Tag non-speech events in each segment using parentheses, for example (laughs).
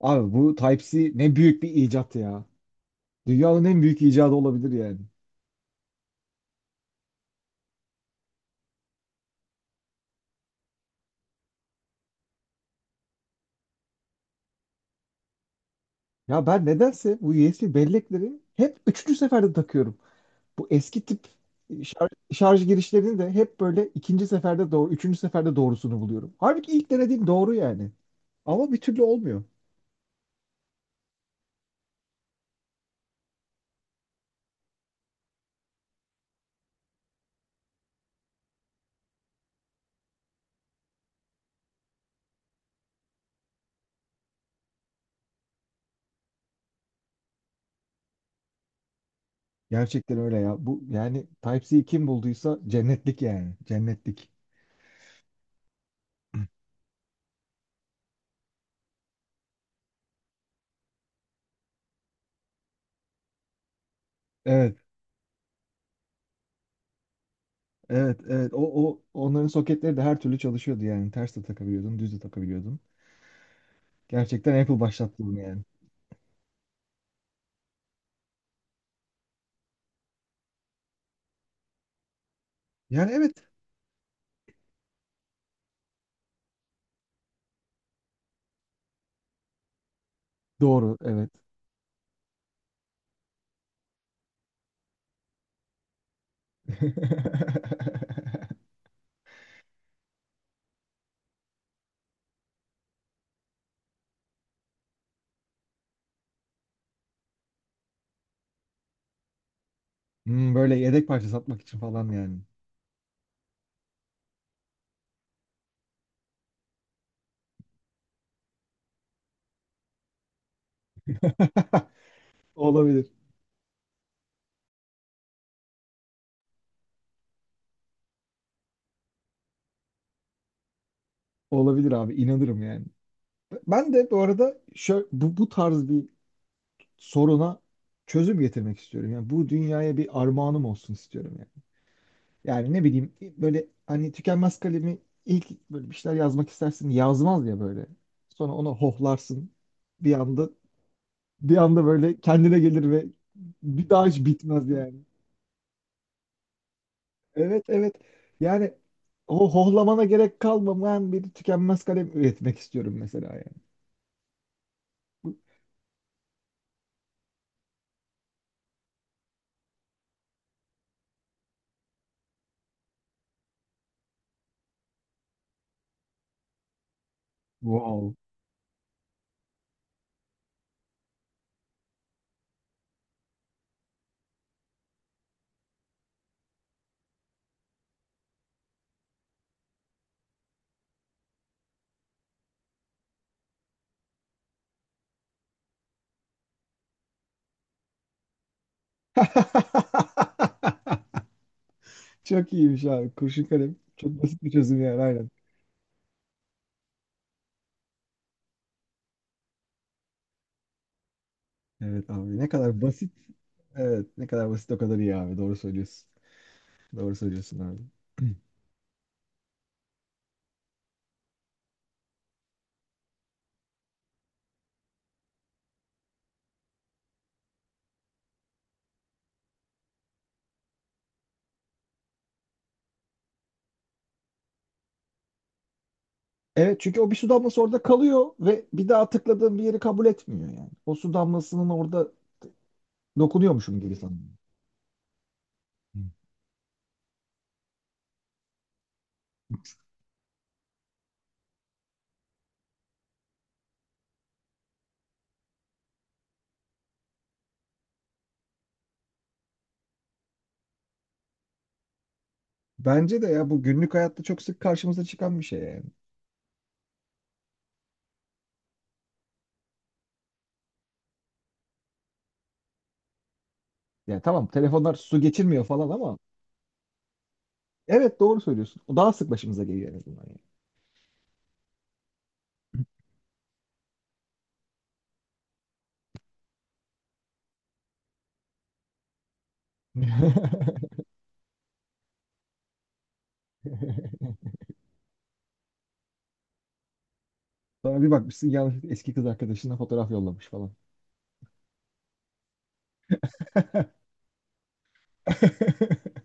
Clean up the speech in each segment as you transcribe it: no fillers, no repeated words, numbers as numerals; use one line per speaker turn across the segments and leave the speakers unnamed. Abi bu Type-C ne büyük bir icat ya. Dünyanın en büyük icadı olabilir yani. Ya ben nedense bu USB bellekleri hep üçüncü seferde takıyorum. Bu eski tip şarj girişlerini de hep böyle ikinci seferde doğru, üçüncü seferde doğrusunu buluyorum. Halbuki ilk denediğim doğru yani. Ama bir türlü olmuyor. Gerçekten öyle ya. Bu yani Type-C kim bulduysa cennetlik yani. Cennetlik. Evet, evet, evet. O onların soketleri de her türlü çalışıyordu yani. Ters de takabiliyordun, düz de takabiliyordun. Gerçekten Apple başlattı bunu yani. Yani evet. Doğru evet. (laughs) Hmm, böyle yedek parça satmak için falan yani. (laughs) Olabilir. Olabilir abi inanırım yani. Ben de bu arada şöyle, bu tarz bir soruna çözüm getirmek istiyorum. Yani bu dünyaya bir armağanım olsun istiyorum yani. Yani ne bileyim böyle hani tükenmez kalemi ilk böyle bir şeyler yazmak istersin yazmaz ya böyle. Sonra onu hohlarsın. Bir anda bir anda böyle kendine gelir ve bir daha hiç bitmez yani. Evet evet. Yani o hohlamana gerek kalmayan bir tükenmez kalem üretmek istiyorum mesela yani. Bu- Wow. (laughs) Çok iyiymiş abi. Kurşun kalem. Çok basit bir çözüm yani aynen. Evet abi ne kadar basit. Evet ne kadar basit o kadar iyi abi. Doğru söylüyorsun. Doğru söylüyorsun abi. Evet çünkü o bir su damlası orada kalıyor ve bir daha tıkladığım bir yeri kabul etmiyor yani. O su damlasının orada dokunuyormuşum gibi sanıyorum. Hı. Bence de ya bu günlük hayatta çok sık karşımıza çıkan bir şey yani. Yani tamam telefonlar su geçirmiyor falan ama evet doğru söylüyorsun. O daha sık başımıza geliyor en azından yani. (laughs) Sonra bir bakmışsın yanlışlıkla eski kız arkadaşına fotoğraf yollamış falan. (laughs)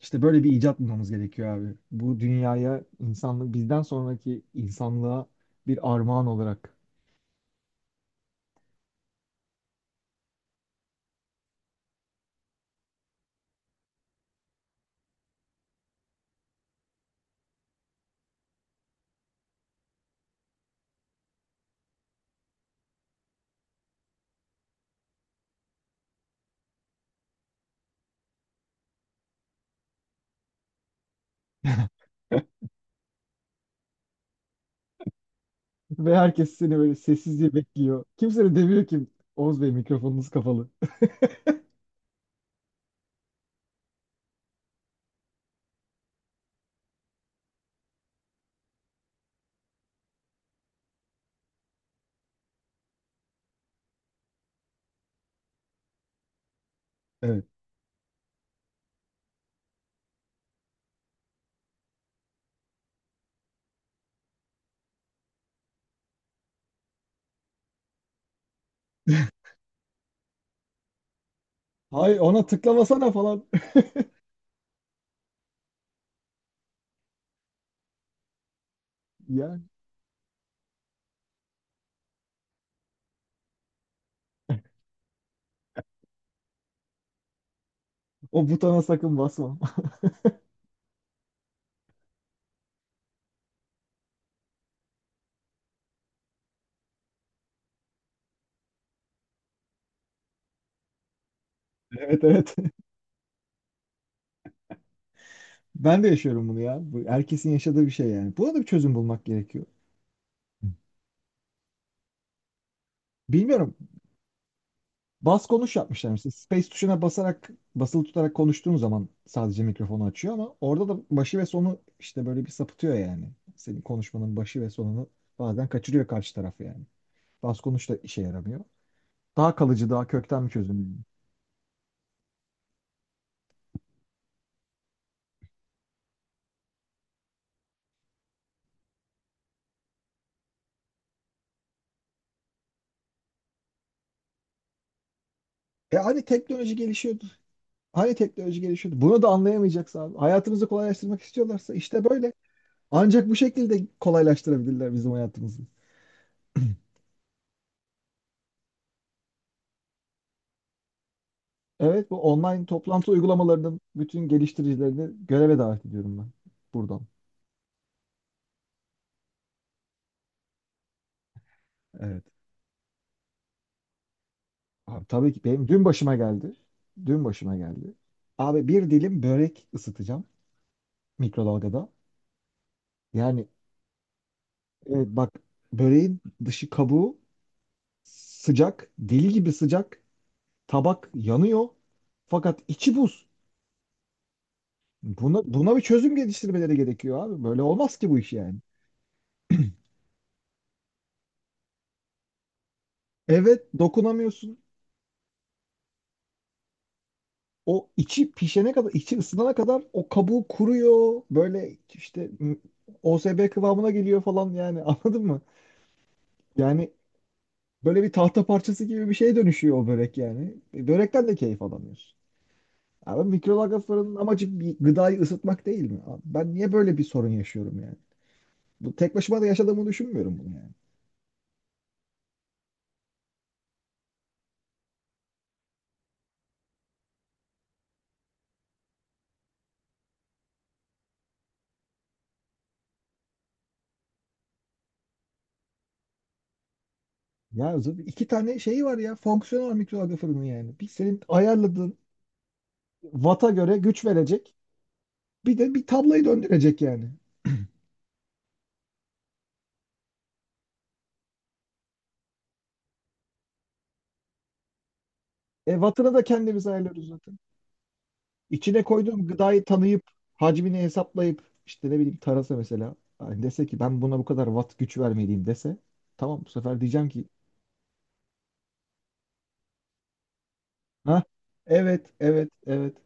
İşte böyle bir icat bulmamız gerekiyor abi. Bu dünyaya insanlık bizden sonraki insanlığa bir armağan olarak. (laughs) Ve herkes seni böyle sessizce bekliyor. Kimse de demiyor ki Oğuz Bey mikrofonunuz kapalı. Evet. Hayır ona tıklamasana falan. (laughs) Yani o butona sakın basma. (laughs) Evet evet. Ben de yaşıyorum bunu ya. Bu herkesin yaşadığı bir şey yani. Buna da bir çözüm bulmak gerekiyor. Bilmiyorum. Bas konuş yapmışlar mesela. Space tuşuna basarak, basılı tutarak konuştuğun zaman sadece mikrofonu açıyor ama orada da başı ve sonu işte böyle bir sapıtıyor yani. Senin konuşmanın başı ve sonunu bazen kaçırıyor karşı taraf yani. Bas konuş da işe yaramıyor. Daha kalıcı, daha kökten bir çözüm yani. E hani teknoloji gelişiyordu. Hani teknoloji gelişiyordu. Bunu da anlayamayacaksa abi. Hayatımızı kolaylaştırmak istiyorlarsa işte böyle. Ancak bu şekilde kolaylaştırabilirler bizim hayatımızı. (clears throat) Evet, bu online toplantı uygulamalarının bütün geliştiricilerini göreve davet ediyorum ben buradan. Evet. Abi, tabii ki benim dün başıma geldi. Dün başıma geldi. Abi bir dilim börek ısıtacağım mikrodalgada. Yani evet bak, böreğin dışı kabuğu sıcak, deli gibi sıcak. Tabak yanıyor. Fakat içi buz. Buna bir çözüm geliştirmeleri gerekiyor abi. Böyle olmaz ki bu iş yani. Evet dokunamıyorsun. O içi pişene kadar, içi ısınana kadar o kabuğu kuruyor. OSB kıvamına geliyor falan yani (laughs) anladın mı? Yani böyle bir tahta parçası gibi bir şeye dönüşüyor o börek yani. E, Börekten de keyif alamıyorsun. Abi mikrodalga fırının amacı bir gıdayı ısıtmak değil mi? Abi ben niye böyle bir sorun yaşıyorum yani? Bu tek başıma da yaşadığımı düşünmüyorum bunu yani. İki tane şey var ya fonksiyonel mikrodalga fırını yani. Bir senin ayarladığın vata göre güç verecek. Bir de bir tablayı döndürecek yani. E, vatını da kendimiz ayarlıyoruz zaten. İçine koyduğum gıdayı tanıyıp, hacmini hesaplayıp, işte ne bileyim tarasa mesela. Hani dese ki ben buna bu kadar watt güç vermeliyim dese. Tamam bu sefer diyeceğim ki ha, evet evet evet.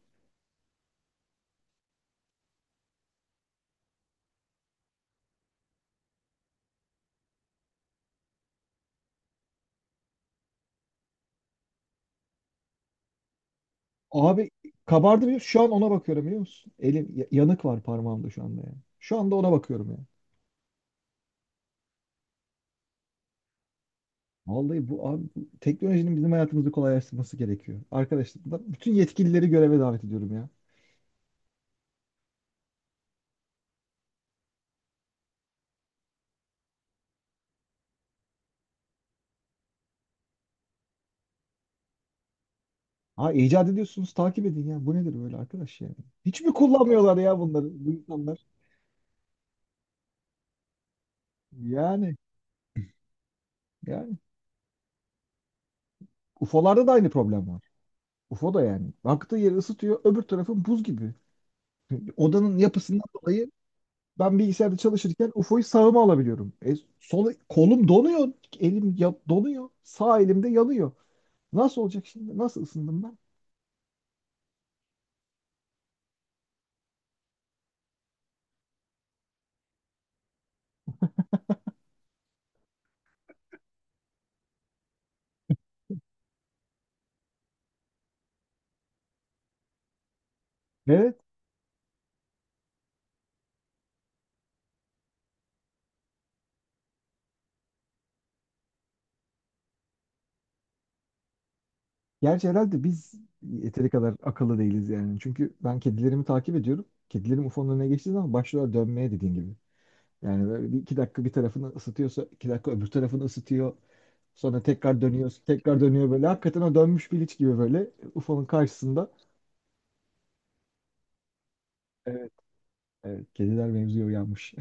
Abi kabardı biliyor musun? Şu an ona bakıyorum biliyor musun? Yanık var parmağımda şu anda yani. Şu anda ona bakıyorum yani. Vallahi bu abi bu teknolojinin bizim hayatımızı kolaylaştırması gerekiyor. Arkadaşlar ben bütün yetkilileri göreve davet ediyorum ya. Ha, icat ediyorsunuz, takip edin ya. Bu nedir böyle arkadaş yani? Hiç mi kullanmıyorlar ya bunları bu insanlar? Yani yani. UFO'larda da aynı problem var. UFO da yani. Baktığı yeri ısıtıyor, öbür tarafın buz gibi. Odanın yapısından dolayı ben bilgisayarda çalışırken UFO'yu sağıma alabiliyorum. E, sol, kolum donuyor. Donuyor. Sağ elimde yanıyor. Nasıl olacak şimdi? Nasıl ısındım ben? Evet. Gerçi herhalde biz yeteri kadar akıllı değiliz yani. Çünkü ben kedilerimi takip ediyorum. Kedilerim UFO'nun önüne geçtiği zaman başlıyorlar dönmeye dediğin gibi. Yani böyle bir iki dakika bir tarafını ısıtıyorsa iki dakika öbür tarafını ısıtıyor. Sonra tekrar dönüyor, tekrar dönüyor böyle. Hakikaten o dönmüş biliç gibi böyle UFO'nun karşısında. Evet, evet. Kediler mevzuya uyanmış.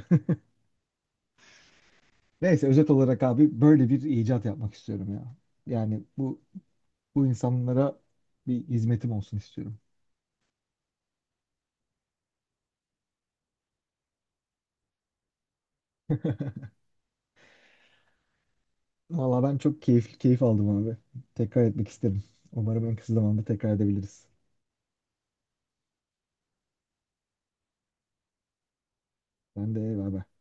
(laughs) Neyse özet olarak abi böyle bir icat yapmak istiyorum ya. Yani bu bu insanlara bir hizmetim olsun istiyorum. Valla ben çok keyifli keyif aldım abi. Tekrar etmek isterim. Umarım en kısa zamanda tekrar edebiliriz. Ben de eyvallah.